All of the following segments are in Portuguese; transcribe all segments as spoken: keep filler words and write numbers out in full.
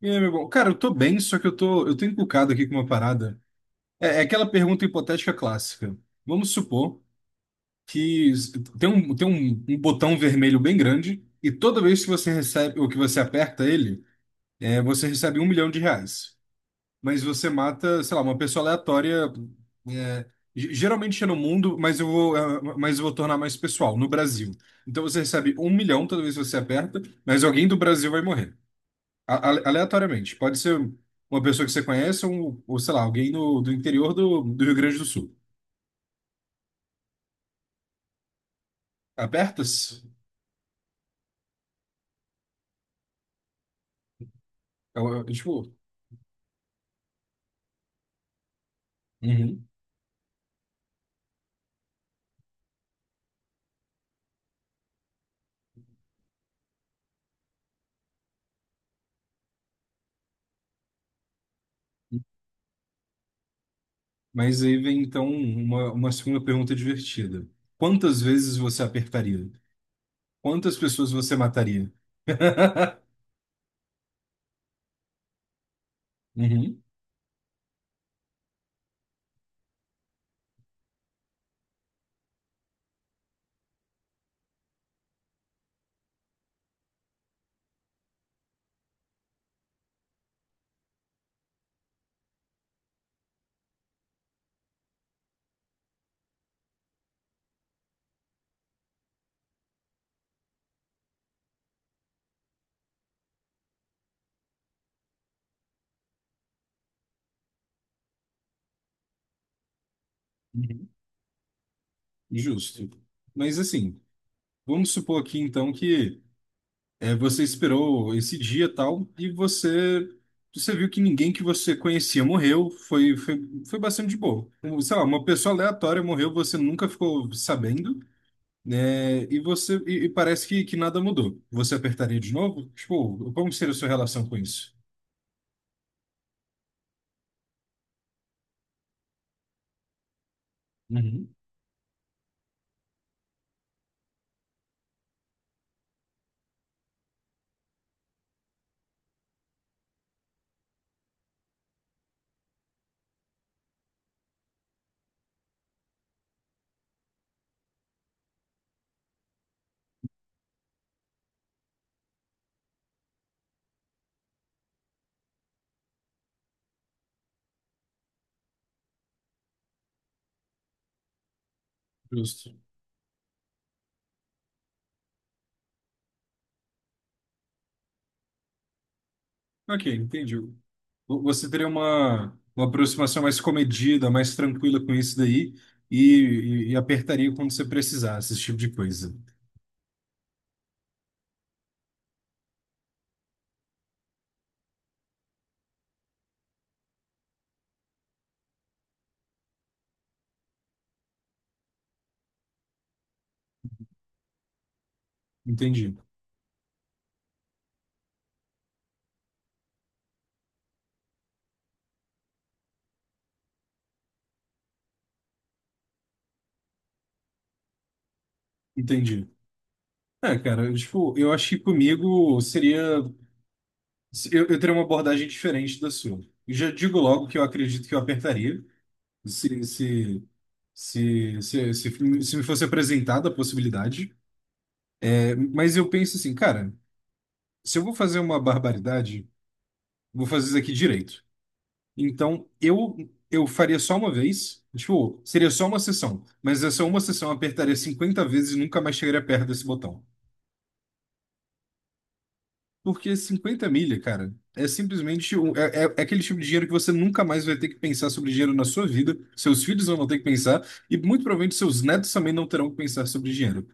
E aí, meu bom? Cara, eu tô bem, só que eu tô, eu tô encucado aqui com uma parada. É, é aquela pergunta hipotética clássica. Vamos supor que s- tem um, tem um, um botão vermelho bem grande e toda vez que você recebe, ou que você aperta ele, é, você recebe um milhão de reais. Mas você mata, sei lá, uma pessoa aleatória, é, ge- geralmente é no mundo, mas eu vou, é, mas eu vou tornar mais pessoal, no Brasil. Então você recebe um milhão toda vez que você aperta, mas alguém do Brasil vai morrer. A- ale- Aleatoriamente. Pode ser uma pessoa que você conhece ou, ou sei lá, alguém no, do interior do, do Rio Grande do Sul. Apertas? Eu- eu, Tipo. Uhum. Mas aí vem então uma, uma segunda pergunta divertida. Quantas vezes você apertaria? Quantas pessoas você mataria? Uhum, uhum. Justo. Mas assim, vamos supor aqui então que É, você esperou esse dia e tal, e você, você viu que ninguém que você conhecia morreu, foi, foi, foi bastante de boa. Um, Sei lá, uma pessoa aleatória morreu, você nunca ficou sabendo, né? E você e, e parece que, que nada mudou. Você apertaria de novo? Tipo, como seria a sua relação com isso? Uhum. Justo. Ok, entendi. V- Você teria uma, uma aproximação mais comedida, mais tranquila com isso daí, e, e, e apertaria quando você precisasse, esse tipo de coisa. Entendi. Entendi. É, cara, tipo, eu acho que comigo seria. Eu, eu teria uma abordagem diferente da sua. Eu já digo logo que eu acredito que eu apertaria se, se, se, se, se, se me fosse apresentada a possibilidade. É, mas eu penso assim, cara, se eu vou fazer uma barbaridade, vou fazer isso aqui direito. Então, eu, eu faria só uma vez, tipo, seria só uma sessão. Mas essa uma sessão eu apertaria cinquenta vezes e nunca mais chegaria perto desse botão. Porque cinquenta milha, cara, é simplesmente um- é, é, é aquele tipo de dinheiro que você nunca mais vai ter que pensar sobre dinheiro na sua vida, seus filhos não vão ter que pensar, e muito provavelmente seus netos também não terão que pensar sobre dinheiro.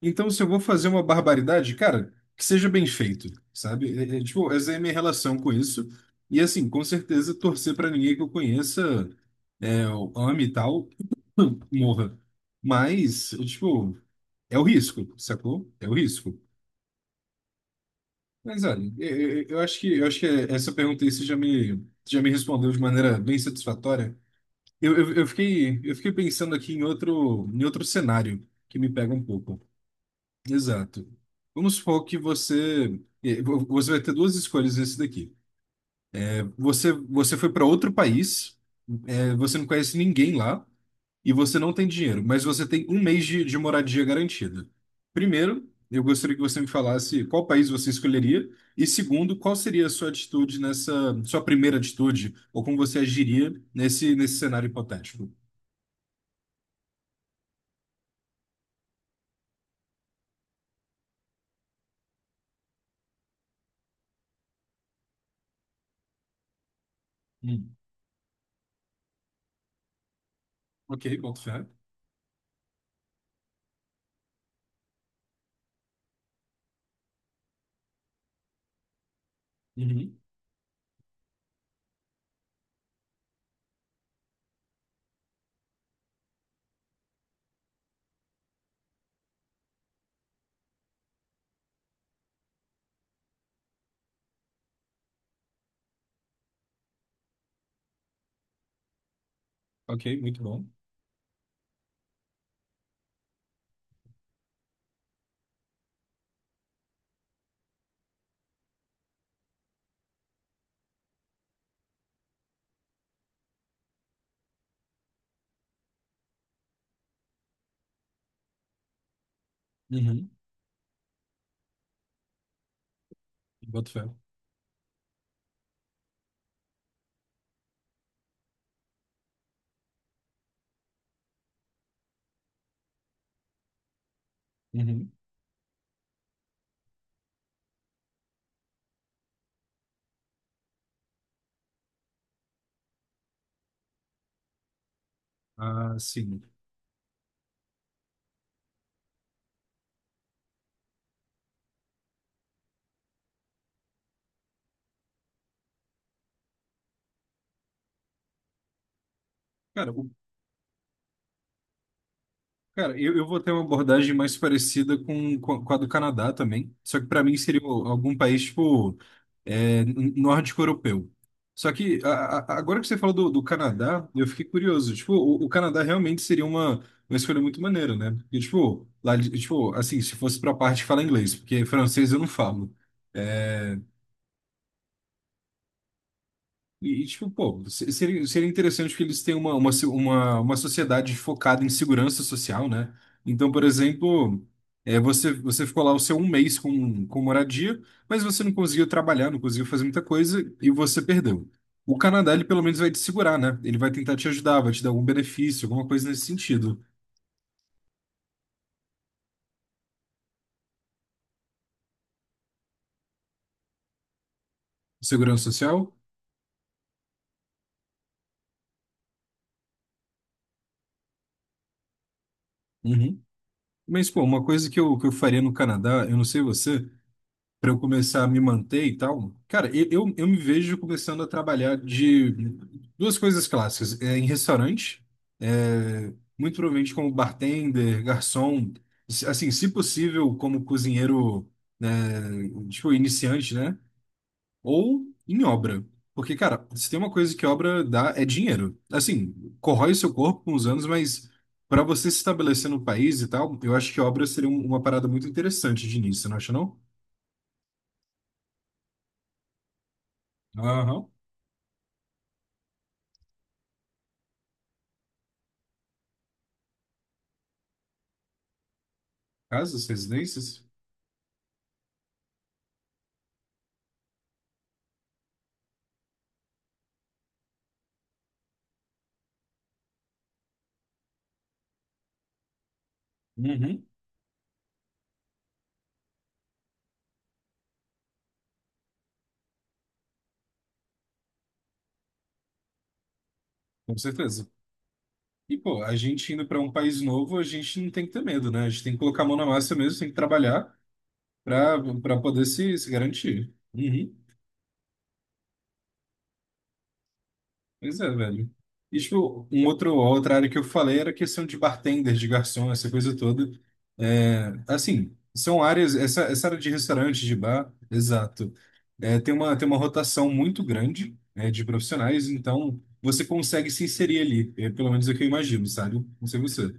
Então, se eu vou fazer uma barbaridade, cara, que seja bem feito, sabe? É- é, tipo, essa é a minha relação com isso. E assim, com certeza, torcer pra ninguém que eu conheça, é, eu ame e tal, morra. Mas, tipo, é o risco, sacou? É o risco. Mas olha, eu, eu- eu acho que eu acho que essa pergunta aí você já me já me respondeu de maneira bem satisfatória. Eu, eu, eu fiquei eu fiquei pensando aqui em outro em outro cenário que me pega um pouco. Exato. Vamos supor que você eh, vo- você vai ter duas escolhas nesse daqui. Você, você foi para outro país, é, você não conhece ninguém lá e você não tem dinheiro, mas você tem um mês de, de moradia garantida. Primeiro, eu gostaria que você me falasse qual país você escolheria e segundo, qual seria a sua atitude nessa, sua primeira atitude ou como você agiria nesse, nesse cenário hipotético. Hum. Ok, boto fé. Uhum. Ok, muito bom. Uhum. Boto fé. Uhum. Ah, sim. Cara, o Cara, eu, eu vou ter uma abordagem mais parecida com, com a do Canadá também. Só que para mim seria o- algum país, tipo, é, n- nórdico europeu. Só que a- a- agora que você falou do, do Canadá, eu fiquei curioso. Tipo, o, o Canadá realmente seria uma, uma escolha muito maneira, né? Porque, tipo, lá, de- tipo, assim, se fosse pra parte que fala inglês, porque francês eu não falo. É, E, tipo, pô, se- seria, seria interessante que eles tenham uma, uma, se- uma, uma sociedade focada em segurança social, né? Então, por exemplo, é, você, você ficou lá o seu um mês com, com moradia, mas você não conseguiu trabalhar, não conseguiu fazer muita coisa e você perdeu. O Canadá, ele pelo menos vai te segurar, né? Ele vai tentar te ajudar, vai te dar algum benefício, alguma coisa nesse sentido. Segurança social? Uhum. Mas, pô, uma coisa que eu, que eu faria no Canadá, eu não sei você, para eu começar a me manter e tal, cara, eu, eu, eu me vejo começando a trabalhar de duas coisas clássicas, é, em restaurante, é, muito provavelmente como bartender, garçom, se- assim, se possível, como cozinheiro, né, tipo, iniciante, né? Ou em obra. Porque, cara, se tem uma coisa que obra dá, é dinheiro. Assim, corrói seu corpo com os anos, mas para você se estabelecer no país e tal, eu acho que obra seria um- uma parada muito interessante de início, não acha, não? Aham. Casas, residências? Uhum, com certeza. E, pô, a gente indo para um país novo, a gente não tem que ter medo, né? A gente tem que colocar a mão na massa mesmo, tem que trabalhar para para poder se, se garantir. Uhum. Pois é, velho. E, tipo, um outro, outra área que eu falei era a questão de bartenders, de garçom, essa coisa toda. É, assim, são áreas, essa, essa área de restaurante, de bar, exato. É, tem uma, tem uma rotação muito grande, né, de profissionais, então você consegue se inserir ali. É, pelo menos é o que eu imagino, sabe? Não sei você.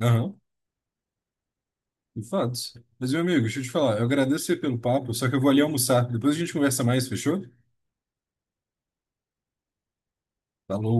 Aham, de fato. Mas, meu amigo, deixa eu te falar, eu agradeço aí pelo papo, só que eu vou ali almoçar. Depois a gente conversa mais, fechou? Falou.